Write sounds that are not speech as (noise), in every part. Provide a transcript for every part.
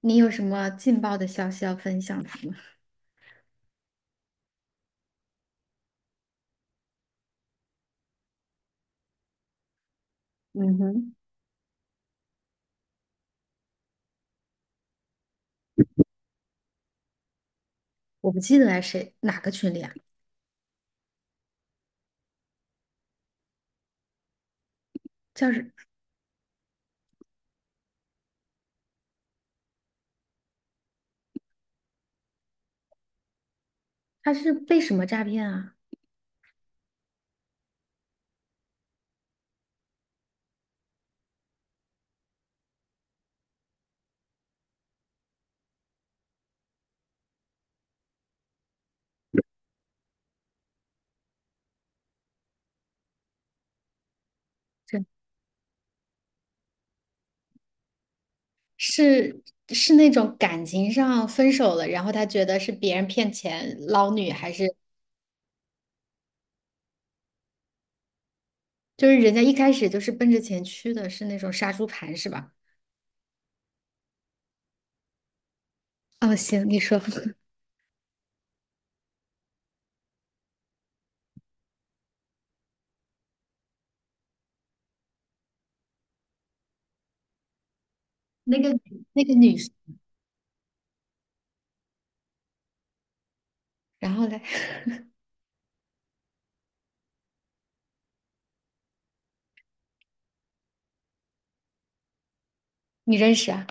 你有什么劲爆的消息要分享的吗？嗯哼，我不记得来谁哪个群里啊，叫是他是被什么诈骗啊？这是是那种感情上分手了，然后他觉得是别人骗钱捞女，还是就是人家一开始就是奔着钱去的，是那种杀猪盘是吧？哦，行，你说 (laughs) 那个那个女，然后嘞，(laughs) 你认识啊？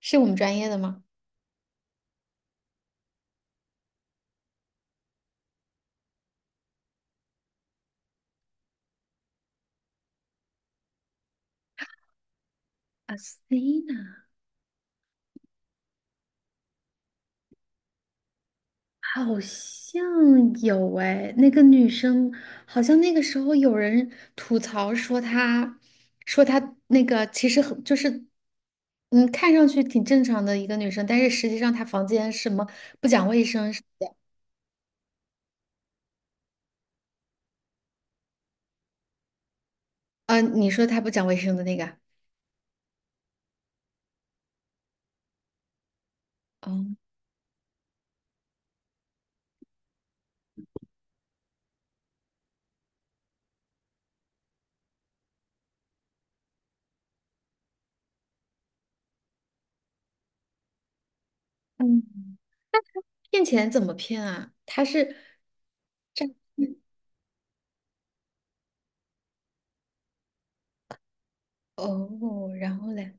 是我们专业的吗？啊，Sina。好像有哎，那个女生好像那个时候有人吐槽说她那个其实很就是，看上去挺正常的一个女生，但是实际上她房间什么不讲卫生啊，你说她不讲卫生的那个啊，哦，嗯，骗钱怎么骗啊？她是，嗯哦，然后嘞，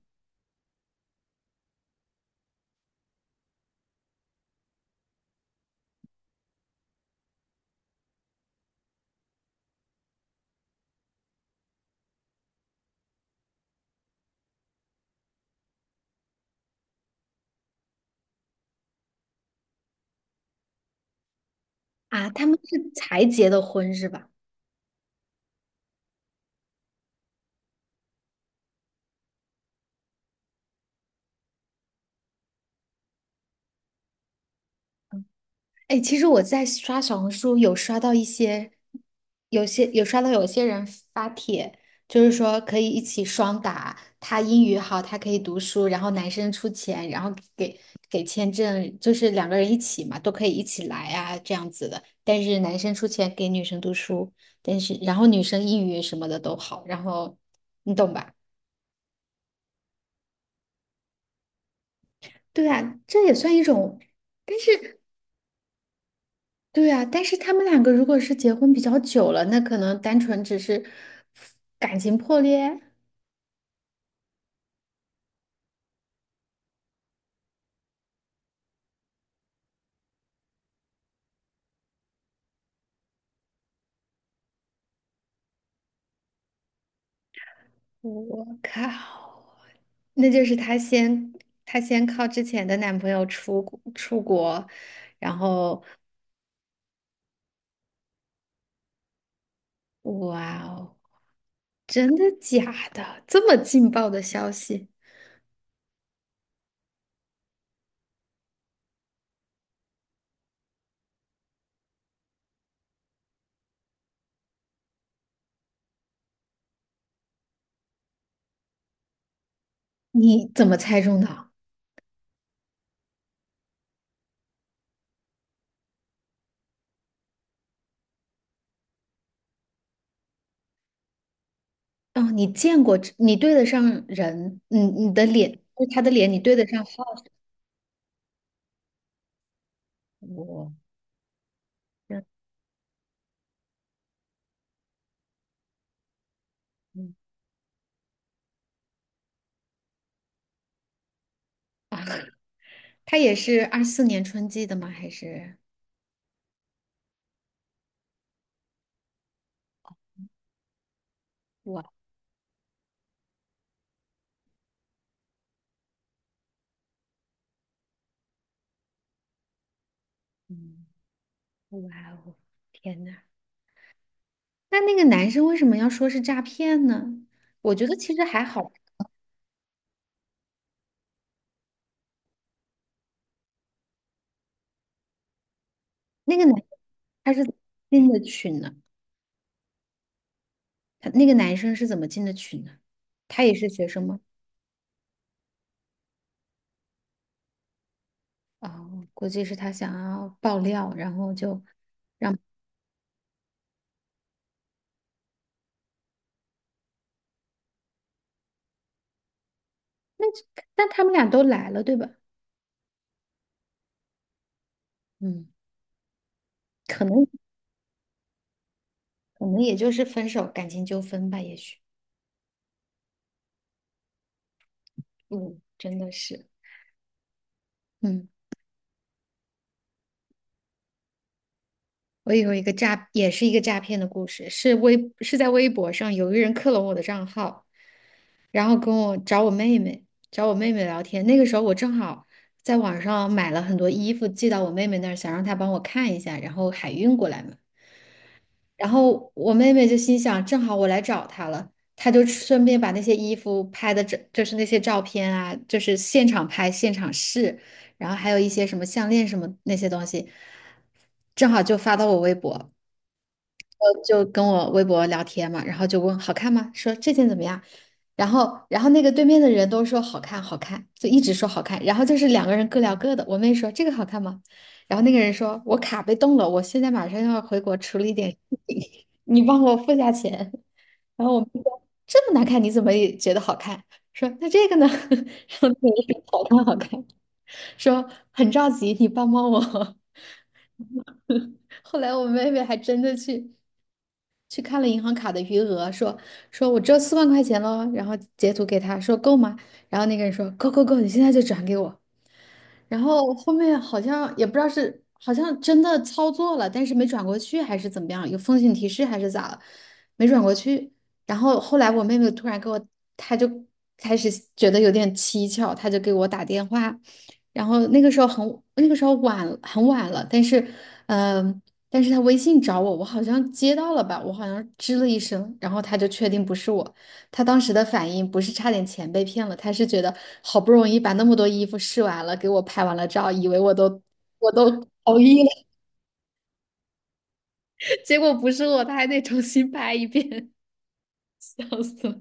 啊，他们是才结的婚是吧？哎，其实我在刷小红书有刷到一些，有刷到有些人发帖，就是说可以一起双打，他英语好，他可以读书，然后男生出钱，然后给签证，就是两个人一起嘛，都可以一起来啊，这样子的。但是男生出钱给女生读书，但是然后女生英语什么的都好，然后你懂吧？对啊，这也算一种对啊，但是他们两个如果是结婚比较久了，那可能单纯只是感情破裂。我靠，那就是她先靠之前的男朋友出国，然后哇哦，真的假的？这么劲爆的消息，你怎么猜中的？哦，你见过你对得上人，你的脸，就是他的脸，你对得上号。我真的啊。(laughs) 他也是二四年春季的吗？还是哇，嗯，哇哦，天呐，那个男生为什么要说是诈骗呢？我觉得其实还好。那个男他是进的群呢，他那个男生是怎么进的群呢？他也是学生吗？哦，估计是他想要爆料，然后就让那那他们俩都来了，对吧？嗯，可能可能也就是分手，感情纠纷吧，也许。嗯，真的是，嗯。我有一个诈，也是一个诈骗的故事，是是在微博上有一个人克隆我的账号，然后跟我找我妹妹，找我妹妹聊天。那个时候我正好在网上买了很多衣服寄到我妹妹那儿，想让她帮我看一下，然后海运过来嘛。然后我妹妹就心想，正好我来找她了，她就顺便把那些衣服拍的就是那些照片啊，就是现场拍、现场试，然后还有一些什么项链什么那些东西，正好就发到我微博。就跟我微博聊天嘛，然后就问好看吗？说这件怎么样？然后那个对面的人都说好看，好看，就一直说好看。然后就是两个人各聊各的。我妹说这个好看吗？然后那个人说我卡被冻了，我现在马上要回国处理一点事情，(laughs) 你帮我付下钱。然后我妹说这么难看，你怎么也觉得好看？说那这个呢？(laughs) 然后那个人说好看，好看，说很着急，你帮帮我。(laughs) 后来我妹妹还真的去看了银行卡的余额，说我只有四万块钱喽，然后截图给他说够吗？然后那个人说够够够，你现在就转给我。然后后面好像也不知道是好像真的操作了，但是没转过去还是怎么样，有风险提示还是咋了，没转过去。然后后来我妹妹突然给我，她就开始觉得有点蹊跷，她就给我打电话。然后那个时候晚很晚了，但是嗯、她微信找我，我好像接到了吧，我好像吱了一声，然后她就确定不是我。他当时的反应不是差点钱被骗了，他是觉得好不容易把那么多衣服试完了，给我拍完了照，以为我都同意了，(laughs) 结果不是我，他还得重新拍一遍，(laughs) 笑死了。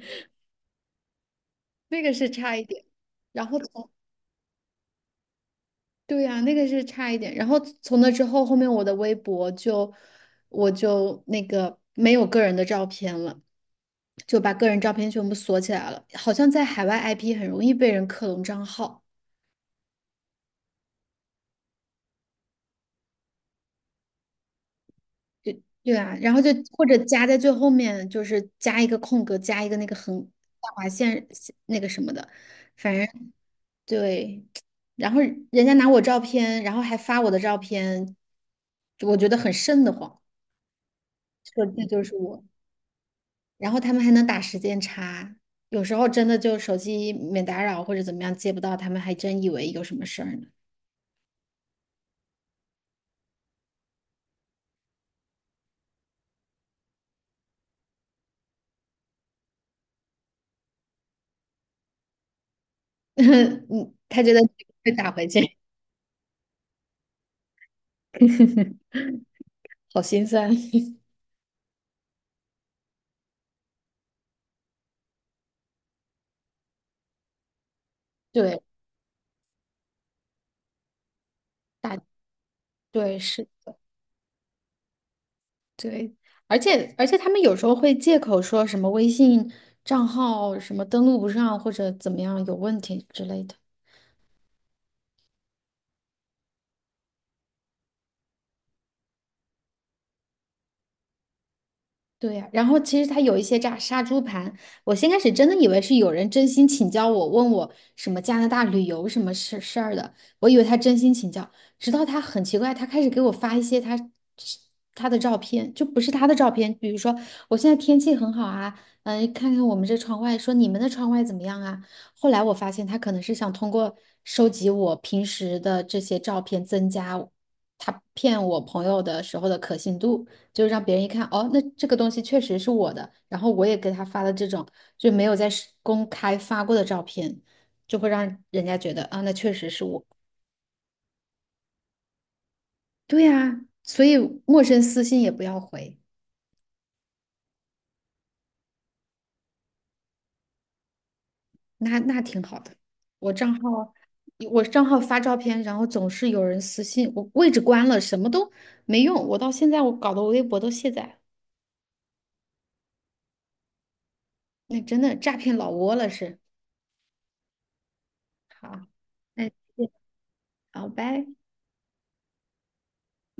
那个是差一点，然后从对呀、那个是差一点，然后从那之后，后面我的微博就我就那个没有个人的照片了。就把个人照片全部锁起来了，好像在海外 IP 很容易被人克隆账号。对啊，然后就或者加在最后面，就是加一个空格，加一个那个横下划线那个什么的，反正对。然后人家拿我照片，然后还发我的照片，我觉得很瘆得慌，说这就是我。然后他们还能打时间差，有时候真的就手机免打扰或者怎么样接不到，他们还真以为有什么事儿呢。(laughs) 嗯，他觉得被打回去，(laughs) 好心酸。(laughs) 对，打，对，是。对，而且他们有时候会借口说什么微信账号什么登录不上或者怎么样有问题之类的。对呀，然后其实他有一些炸杀猪盘，我先开始真的以为是有人真心请教我，问我什么加拿大旅游什么事儿的，我以为他真心请教，直到他很奇怪，他开始给我发一些他的照片，就不是他的照片，比如说我现在天气很好啊，看看我们这窗外，说你们的窗外怎么样啊？后来我发现他可能是想通过收集我平时的这些照片，增加他骗我朋友的时候的可信度。就让别人一看，哦，那这个东西确实是我的，然后我也给他发了这种就没有在是公开发过的照片，就会让人家觉得啊，那确实是我。对呀，所以陌生私信也不要回，那挺好的。我账号我账号发照片，然后总是有人私信，我位置关了，什么都没用。我到现在我搞得我微博都卸载了那真的诈骗老窝了是。好，那好，拜。